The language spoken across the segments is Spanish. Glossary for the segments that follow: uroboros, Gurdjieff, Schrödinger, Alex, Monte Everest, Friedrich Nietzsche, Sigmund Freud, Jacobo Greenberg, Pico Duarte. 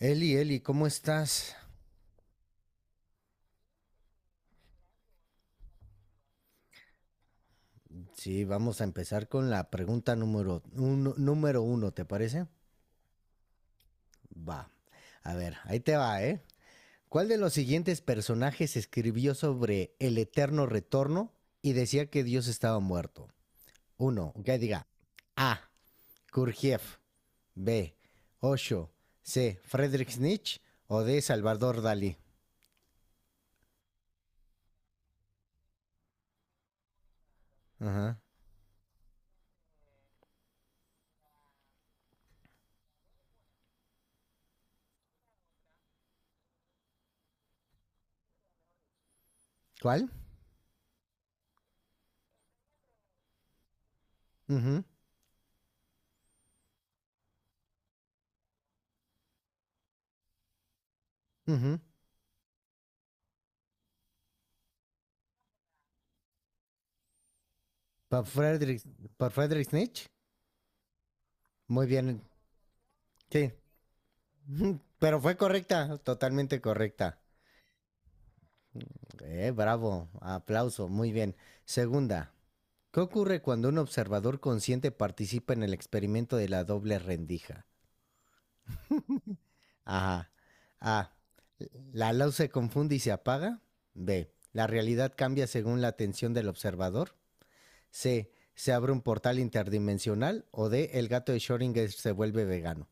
Eli, Eli, ¿cómo estás? Sí, vamos a empezar con la pregunta número uno, ¿te parece? Va. A ver, ahí te va, ¿eh? ¿Cuál de los siguientes personajes escribió sobre el eterno retorno y decía que Dios estaba muerto? Uno, que diga A. Kurgiev, B. Osho, C. Friedrich Nietzsche o D. Salvador Dalí. Ajá. ¿Cuál? Ujú, ujú. ¿Por Friedrich, por Friedrich Nietzsche? Muy bien. Sí, pero fue correcta, totalmente correcta. Bravo, aplauso, muy bien. Segunda, ¿qué ocurre cuando un observador consciente participa en el experimento de la doble rendija? Ajá. A. La luz se confunde y se apaga. B. La realidad cambia según la atención del observador. C. Se abre un portal interdimensional. O D. El gato de Schrödinger se vuelve vegano.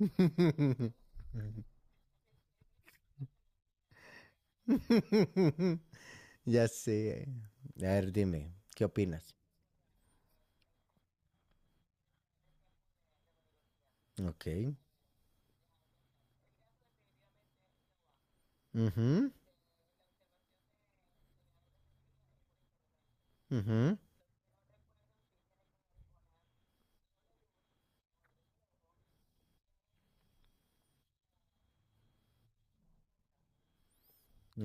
Ya sé. A ver, dime, ¿qué opinas? Ok. Ujú, ujú.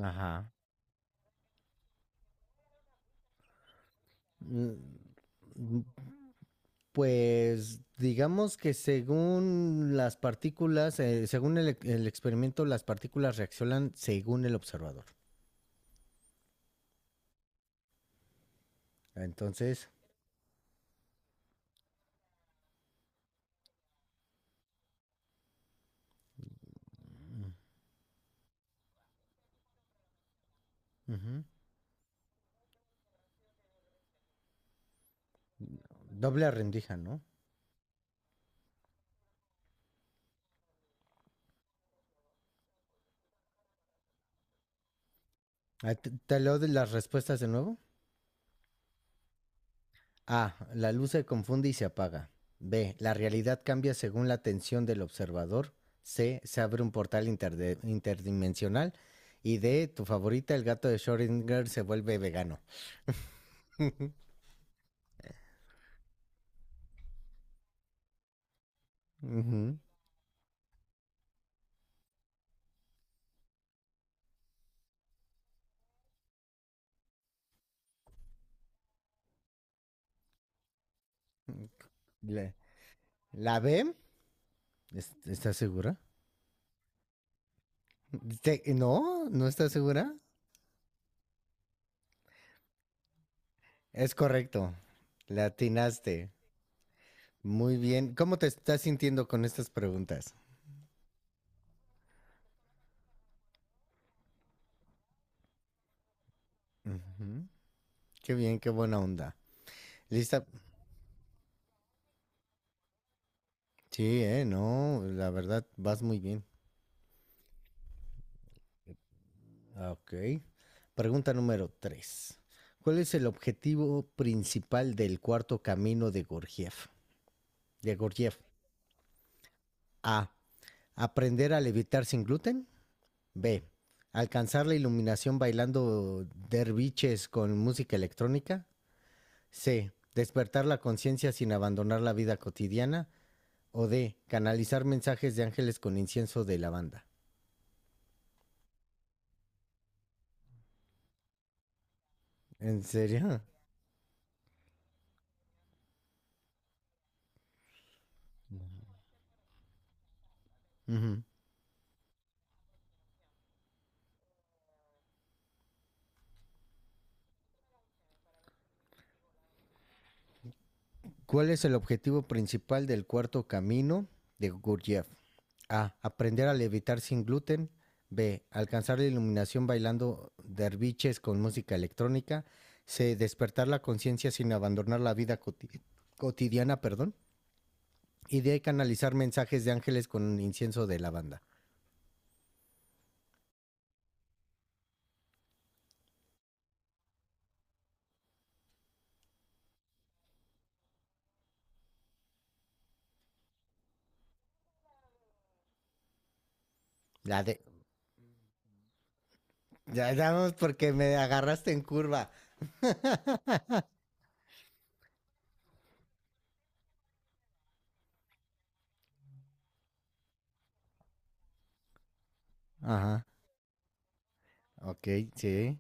Ajá. Mm, mm, pues digamos que según las partículas, según el experimento, las partículas reaccionan según el observador. Entonces, ujú, doble rendija, ¿no? Ah, ¿te, te leo de las respuestas de nuevo? A. La luz se confunde y se apaga. B. La realidad cambia según la atención del observador. C. Se abre un portal interdimensional. Y D. Tu favorita, el gato de Schrödinger, se vuelve vegano. Ujú. la, la B. ¿Estás segura? Te- No, no estás segura. Es correcto. La atinaste. Muy bien. ¿Cómo te estás sintiendo con estas preguntas? Ujú. Qué bien, qué buena onda. ¿Lista? Sí, no, la verdad, vas muy bien. Ah, ok. Pregunta número 3. ¿Cuál es el objetivo principal del cuarto camino de Gurdjieff? De Gurdjieff. A. Aprender a levitar sin gluten. B. Alcanzar la iluminación bailando derviches con música electrónica. C. Despertar la conciencia sin abandonar la vida cotidiana. O D. Canalizar mensajes de ángeles con incienso de lavanda. ¿En serio? Ujú. ¿Cuál es el objetivo principal del cuarto camino de Gurdjieff? A. Aprender a levitar sin gluten. B. Alcanzar la iluminación bailando derviches con música electrónica. C. Despertar la conciencia sin abandonar la cotidiana, perdón. Y D. Canalizar mensajes de ángeles con un incienso de lavanda. La de... Ya damos porque me agarraste en curva. Ajá. Ok, sí.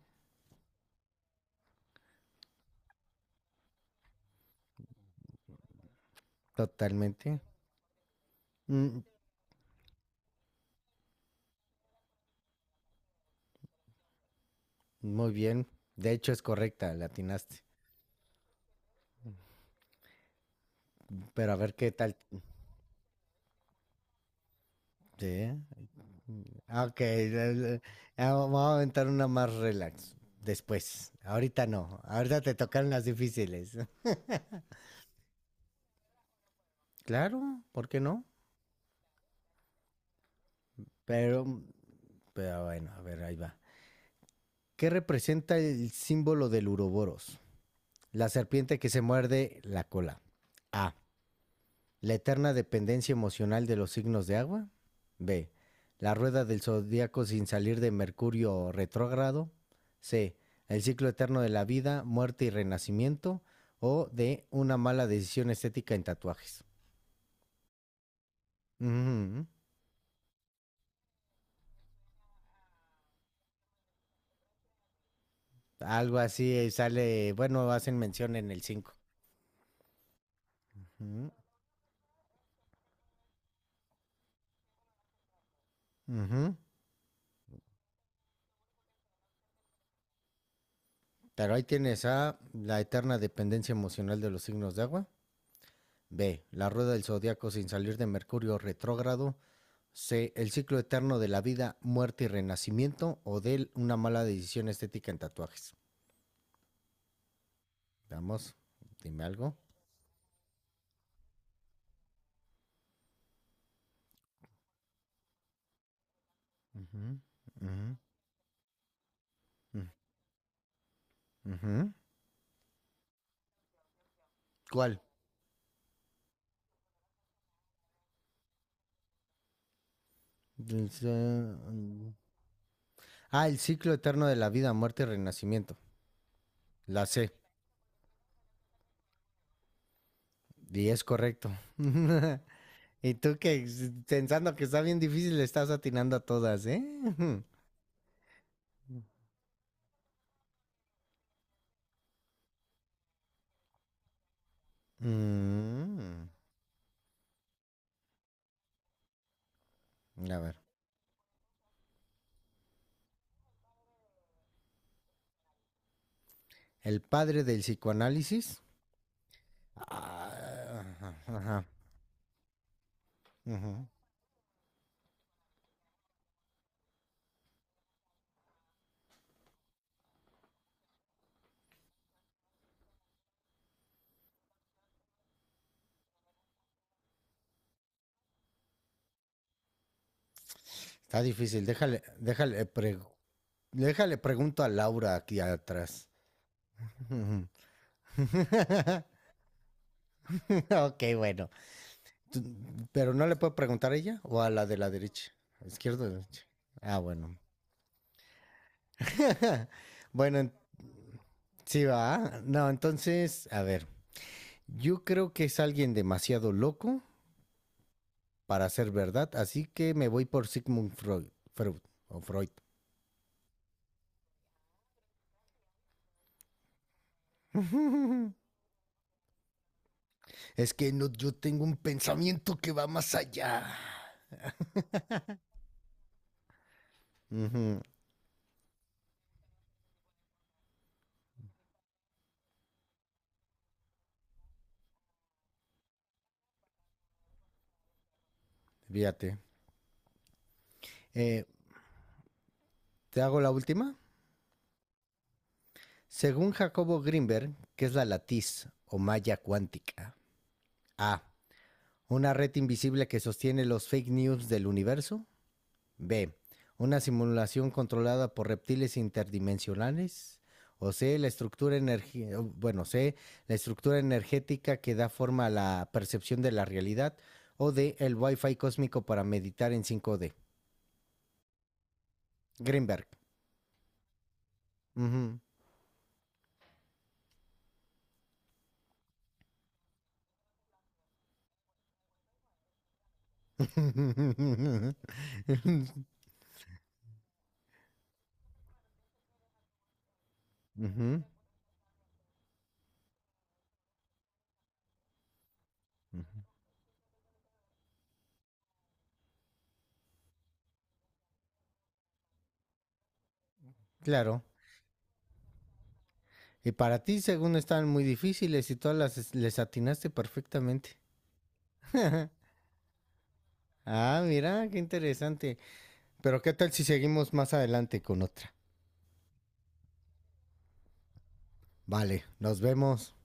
Totalmente. Mm, muy bien. De hecho, es correcta, la atinaste. Pero a ver qué tal. Sí. Ah, ok, eh, vamos a aventar una más relax. Después. Ahorita no. Ahorita te tocaron las difíciles. Claro, ¿por qué no? Pero, pero bueno, a ver, ahí va. ¿Qué representa el símbolo del uroboros? La serpiente que se muerde la cola. A. La eterna dependencia emocional de los signos de agua. B. La rueda del zodiaco sin salir de Mercurio retrógrado. C. El ciclo eterno de la vida, muerte y renacimiento. O D. Una mala decisión estética en tatuajes. Ujú. Algo así sale, bueno, hacen mención en el 5. Ujú. Pero ahí tienes A, la eterna dependencia emocional de los signos de agua. B, la rueda del zodiaco sin salir de Mercurio retrógrado. C. El ciclo eterno de la vida, muerte y renacimiento. O D. Una mala decisión estética en tatuajes. Vamos, dime algo. Ujú, ujú, mm, ujú. ¿Cuál? Dice, mm, ah, el ciclo eterno de la vida, muerte y renacimiento. La C. Y es correcto. Y tú que pensando que está bien difícil, le estás atinando a todas, ¿eh? Mm, a ver. El padre del psicoanálisis. Ah, ajá, ajá. Ujú. Está difícil. Déjale pregunto a Laura aquí atrás. Ujú. Ok, bueno. Tú- Pero no le puedo preguntar a ella o a la de la derecha. Izquierda o derecha. Ah, bueno. Bueno, en- sí va. No, entonces, a ver. Yo creo que es alguien demasiado loco para ser verdad, así que me voy por Sigmund Freud. Freud o Freud. Es que no, yo tengo un pensamiento que va más allá. Ujú, fíjate. Eh, ¿Te hago la última? Según Jacobo Greenberg, ¿qué es la latiz o malla cuántica? A. Una red invisible que sostiene los fake news del universo. B. Una simulación controlada por reptiles interdimensionales. O C. La estructura C. La estructura energética que da forma a la percepción de la realidad. O D. El Wi-Fi cósmico para meditar en cinco d Greenberg. Ujú. Ujú. Claro. Y para ti, según estaban muy difíciles y todas las les atinaste perfectamente. Ah, mira, qué interesante. Pero qué tal si seguimos más adelante con otra. Vale, nos vemos.